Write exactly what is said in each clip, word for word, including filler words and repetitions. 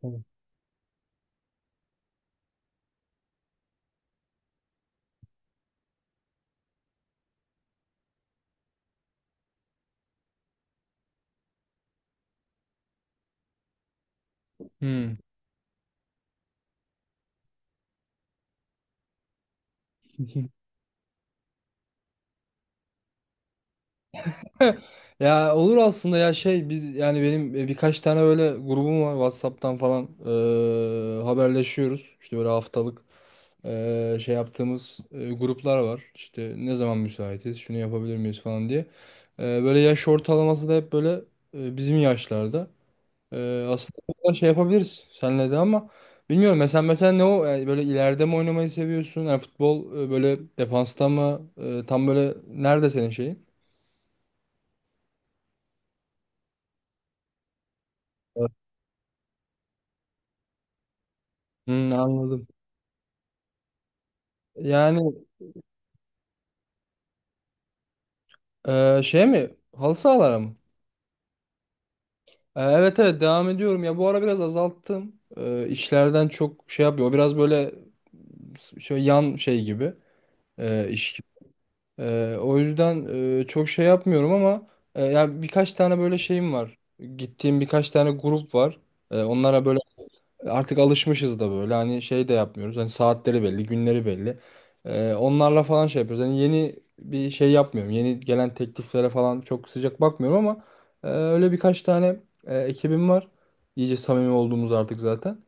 Tamam. Hmm. Ya olur aslında ya şey biz yani benim e, birkaç tane böyle grubum var WhatsApp'tan falan e, haberleşiyoruz. İşte böyle haftalık e, şey yaptığımız e, gruplar var. İşte ne zaman müsaitiz, şunu yapabilir miyiz falan diye. E, böyle yaş ortalaması da hep böyle e, bizim yaşlarda. E, aslında burada şey yapabiliriz seninle de ama bilmiyorum mesela mesela ne o yani böyle ileride mi oynamayı seviyorsun? Yani futbol e, böyle defansta mı? E, tam böyle nerede senin şeyin? Hmm, anladım. Yani e, şey mi? Halı sahalara mı? E, evet evet devam ediyorum. Ya bu ara biraz azalttım. E, işlerden çok şey yapıyor. O biraz böyle s- şöyle yan şey gibi e, iş gibi. E, o yüzden e, çok şey yapmıyorum ama e, ya birkaç tane böyle şeyim var. Gittiğim birkaç tane grup var. E, onlara böyle artık alışmışız da böyle hani şey de yapmıyoruz. Hani saatleri belli, günleri belli. Ee, onlarla falan şey yapıyoruz. Hani yeni bir şey yapmıyorum. Yeni gelen tekliflere falan çok sıcak bakmıyorum ama e, öyle birkaç tane e, ekibim var. İyice samimi olduğumuz artık zaten.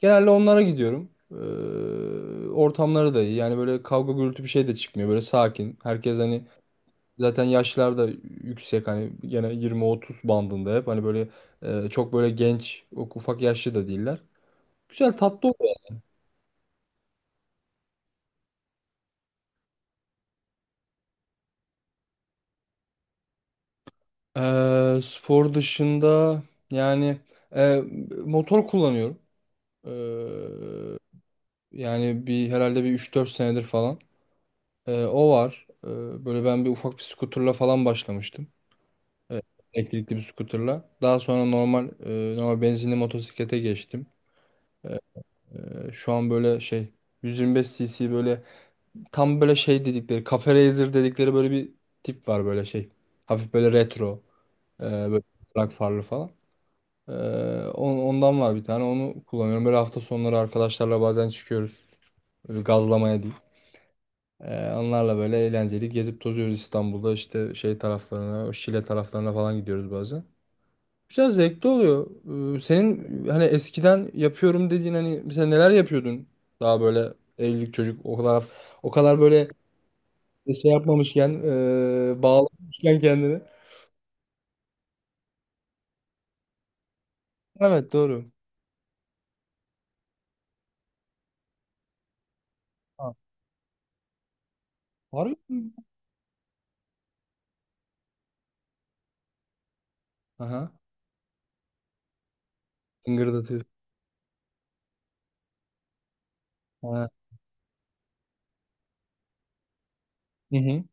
Genelde onlara gidiyorum. Ee, ortamları da iyi. Yani böyle kavga gürültü bir şey de çıkmıyor. Böyle sakin. Herkes hani zaten yaşlar da yüksek. Hani gene yirmi otuz bandında hep. Hani böyle e, çok böyle genç, ufak yaşlı da değiller. Güzel tatlı oluyor. Eee, spor dışında yani eee, motor kullanıyorum. Eee, yani bir herhalde bir üç dört senedir falan. Eee, o var. Eee, böyle ben bir ufak bir skuterla falan başlamıştım. Eee, elektrikli bir skuterla. Daha sonra normal eee, normal benzinli motosiklete geçtim. Eee, eee, şu an böyle şey yüz yirmi beş cc böyle tam böyle şey dedikleri Cafe Racer dedikleri böyle bir tip var böyle şey. Hafif böyle retro. eee böyle farlı falan. Ee, on- ondan var bir tane. Onu kullanıyorum. Böyle hafta sonları arkadaşlarla bazen çıkıyoruz. Böyle gazlamaya değil. Ee, onlarla böyle eğlenceli gezip tozuyoruz İstanbul'da. İşte şey taraflarına, o Şile taraflarına falan gidiyoruz bazen. Güzel zevkli oluyor. Ee, senin hani eskiden yapıyorum dediğin hani mesela neler yapıyordun? Daha böyle evlilik çocuk o kadar o kadar böyle şey yapmamışken e, bağlamışken kendini. Evet doğru. Ha, var mı? Aha. Hıngırdatıyor. Ha. Hı hı.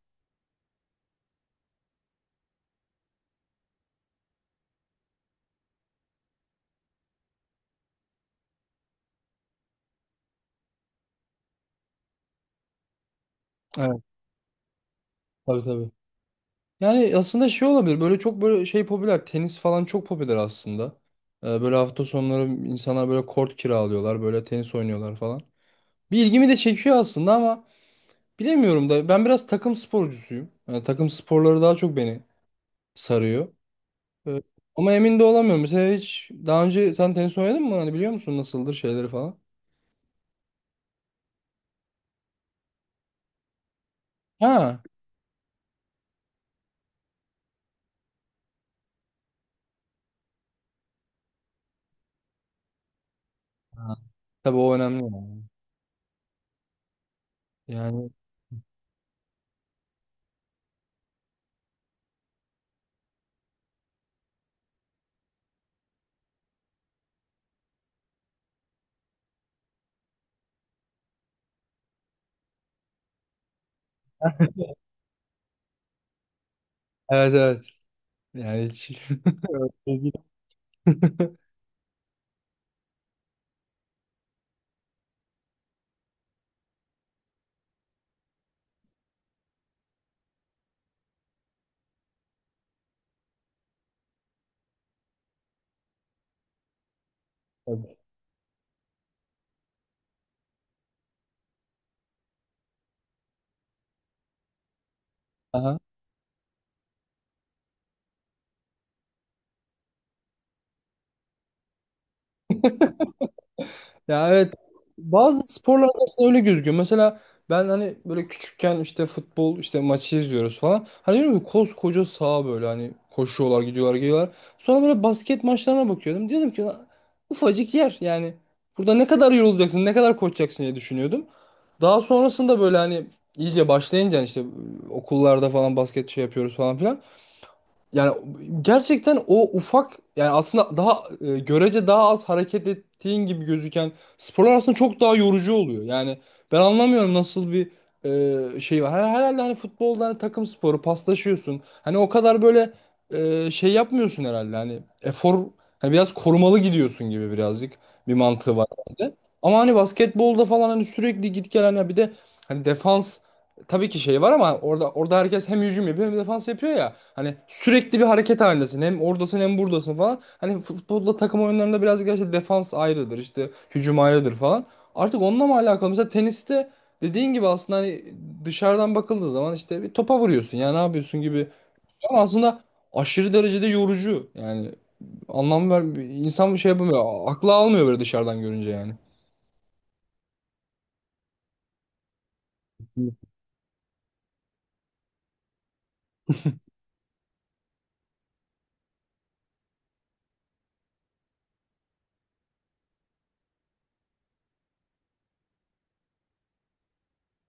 Evet. Tabii tabii. Yani aslında şey olabilir. Böyle çok böyle şey popüler. Tenis falan çok popüler aslında. Ee, böyle hafta sonları insanlar böyle kort kiralıyorlar. Böyle tenis oynuyorlar falan. Bir ilgimi de çekiyor aslında ama bilemiyorum da ben biraz takım sporcusuyum. Yani takım sporları daha çok beni sarıyor. Ee, ama emin de olamıyorum. Mesela hiç daha önce sen tenis oynadın mı? Hani biliyor musun nasıldır şeyleri falan? Ha. Ha. Tabii o önemli. Yani, yani evet evet. Yani hiç. Tabii. Aha. Ya evet bazı sporlarda aslında öyle gözüküyor. Mesela ben hani böyle küçükken işte futbol işte maçı izliyoruz falan. Hani diyorum ki koskoca saha böyle hani koşuyorlar gidiyorlar geliyorlar. Sonra böyle basket maçlarına bakıyordum. Diyordum ki "Lan ufacık yer yani burada ne kadar yorulacaksın ne kadar koşacaksın" diye düşünüyordum. Daha sonrasında böyle hani iyice başlayınca hani işte okullarda falan basket şey yapıyoruz falan filan. Yani gerçekten o ufak yani aslında daha e, görece daha az hareket ettiğin gibi gözüken sporlar aslında çok daha yorucu oluyor. Yani ben anlamıyorum nasıl bir e, şey var. Her- Herhalde hani futbolda hani takım sporu paslaşıyorsun. Hani o kadar böyle e, şey yapmıyorsun herhalde. Hani efor hani biraz korumalı gidiyorsun gibi birazcık bir mantığı var bende. Ama hani basketbolda falan hani sürekli git gel hani bir de hani defans tabii ki şey var ama orada orada herkes hem hücum yapıyor hem defans yapıyor ya. Hani sürekli bir hareket halindesin. Hem oradasın hem buradasın falan. Hani futbolda takım oyunlarında birazcık işte defans ayrıdır işte hücum ayrıdır falan. Artık onunla mı alakalı? Mesela teniste dediğin gibi aslında hani dışarıdan bakıldığı zaman işte bir topa vuruyorsun ya ne yapıyorsun gibi. Ama aslında aşırı derecede yorucu. Yani anlam ver insan bir şey yapamıyor. Aklı almıyor böyle dışarıdan görünce yani.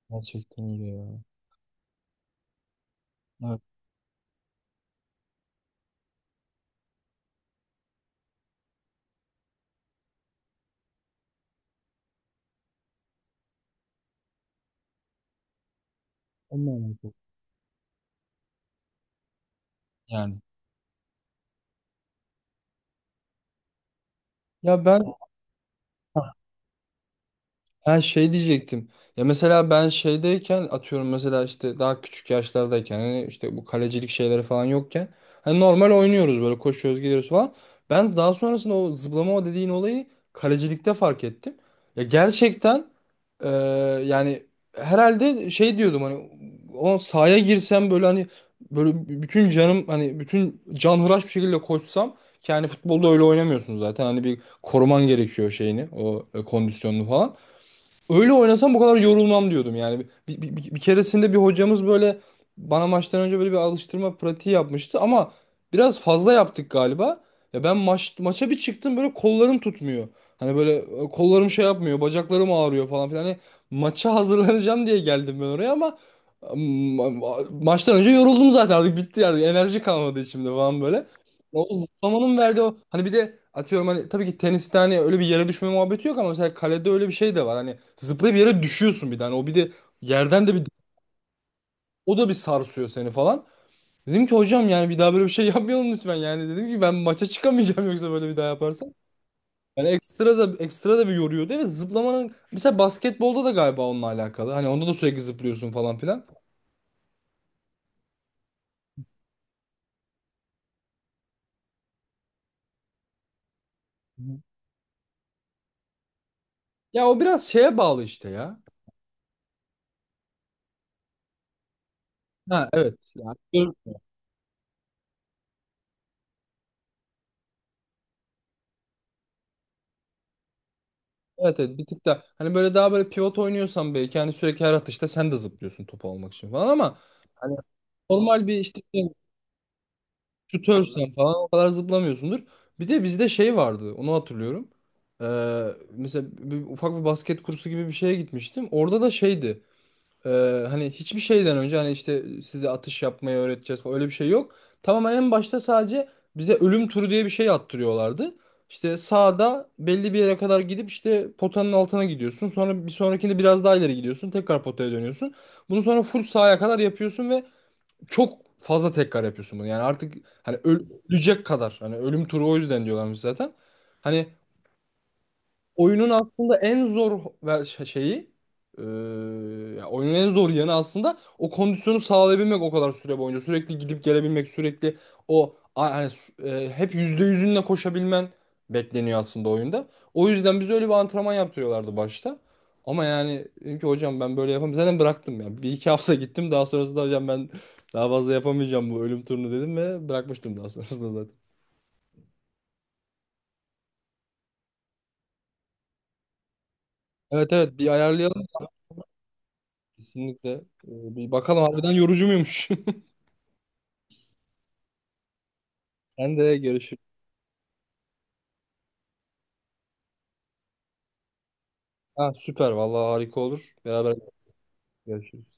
Gerçekten öyle ya. Evet, onunla alakalı. Yani. Ya ben. Ha, şey diyecektim. Ya mesela ben şeydeyken atıyorum mesela işte daha küçük yaşlardayken hani işte bu kalecilik şeyleri falan yokken hani normal oynuyoruz böyle koşuyoruz gidiyoruz falan. Ben daha sonrasında o zıplama o dediğin olayı kalecilikte fark ettim. Ya gerçekten e, yani herhalde şey diyordum hani o sahaya girsem böyle hani böyle bütün canım hani bütün canhıraş bir şekilde koşsam ki hani futbolda öyle oynamıyorsun zaten hani bir koruman gerekiyor şeyini o e, kondisyonunu falan. Öyle oynasam bu kadar yorulmam diyordum yani. Bir, bir, bir, bir keresinde bir hocamız böyle bana maçtan önce böyle bir alıştırma pratiği yapmıştı ama biraz fazla yaptık galiba. Ya ben maç maça bir çıktım böyle kollarım tutmuyor. Hani böyle e, kollarım şey yapmıyor, bacaklarım ağrıyor falan filan. Hani maça hazırlanacağım diye geldim ben oraya ama ma- ma- maçtan önce yoruldum zaten artık bitti yani enerji kalmadı içimde falan böyle. Ya O zıplamanın verdiği o hani bir de atıyorum hani tabii ki teniste hani öyle bir yere düşme muhabbeti yok ama mesela kalede öyle bir şey de var. Hani zıplayıp yere düşüyorsun bir tane. O bir de yerden de bir o da bir sarsıyor seni falan. Dedim ki hocam yani bir daha böyle bir şey yapmayalım lütfen. Yani dedim ki ben maça çıkamayacağım yoksa böyle bir daha yaparsam. Yani ekstra da ekstra da bir yoruyordu ve zıplamanın mesela basketbolda da galiba onunla alakalı. Hani onda da sürekli zıplıyorsun falan filan. Ya o biraz şeye bağlı işte ya. Ha evet. Yani Evet, evet bir tık da hani böyle daha böyle pivot oynuyorsan belki hani sürekli her atışta sen de zıplıyorsun topu almak için falan ama hani normal bir işte şutörsen falan o kadar zıplamıyorsundur. Bir de bizde şey vardı onu hatırlıyorum. Ee, mesela bir, ufak bir basket kursu gibi bir şeye gitmiştim. Orada da şeydi. Ee, hani hiçbir şeyden önce hani işte size atış yapmayı öğreteceğiz falan öyle bir şey yok. Tamamen en başta sadece bize ölüm turu diye bir şey attırıyorlardı. İşte sağda belli bir yere kadar gidip işte potanın altına gidiyorsun. Sonra bir sonrakinde biraz daha ileri gidiyorsun. Tekrar potaya dönüyorsun. Bunu sonra full sağa kadar yapıyorsun ve çok fazla tekrar yapıyorsun bunu. Yani artık hani öl- ölecek kadar. Hani ölüm turu o yüzden diyorlarmış zaten. Hani oyunun aslında en zor ver- şey, şeyi e, ya oyunun en zor yanı aslında o kondisyonu sağlayabilmek o kadar süre boyunca sürekli gidip gelebilmek sürekli o a- hani s- e, hep yüzde yüzünle koşabilmen bekleniyor aslında oyunda. O yüzden biz öyle bir antrenman yaptırıyorlardı başta. Ama yani dedim ki hocam ben böyle yapamam. Zaten bıraktım ya. Bir iki hafta gittim daha sonrasında hocam ben daha fazla yapamayacağım bu ölüm turunu dedim ve bırakmıştım daha sonrasında zaten. Evet evet bir ayarlayalım kesinlikle. Ee, Bir bakalım harbiden yorucu muymuş? Sen de görüşürüz. Ha, süper. Vallahi harika olur. Beraber görüşürüz.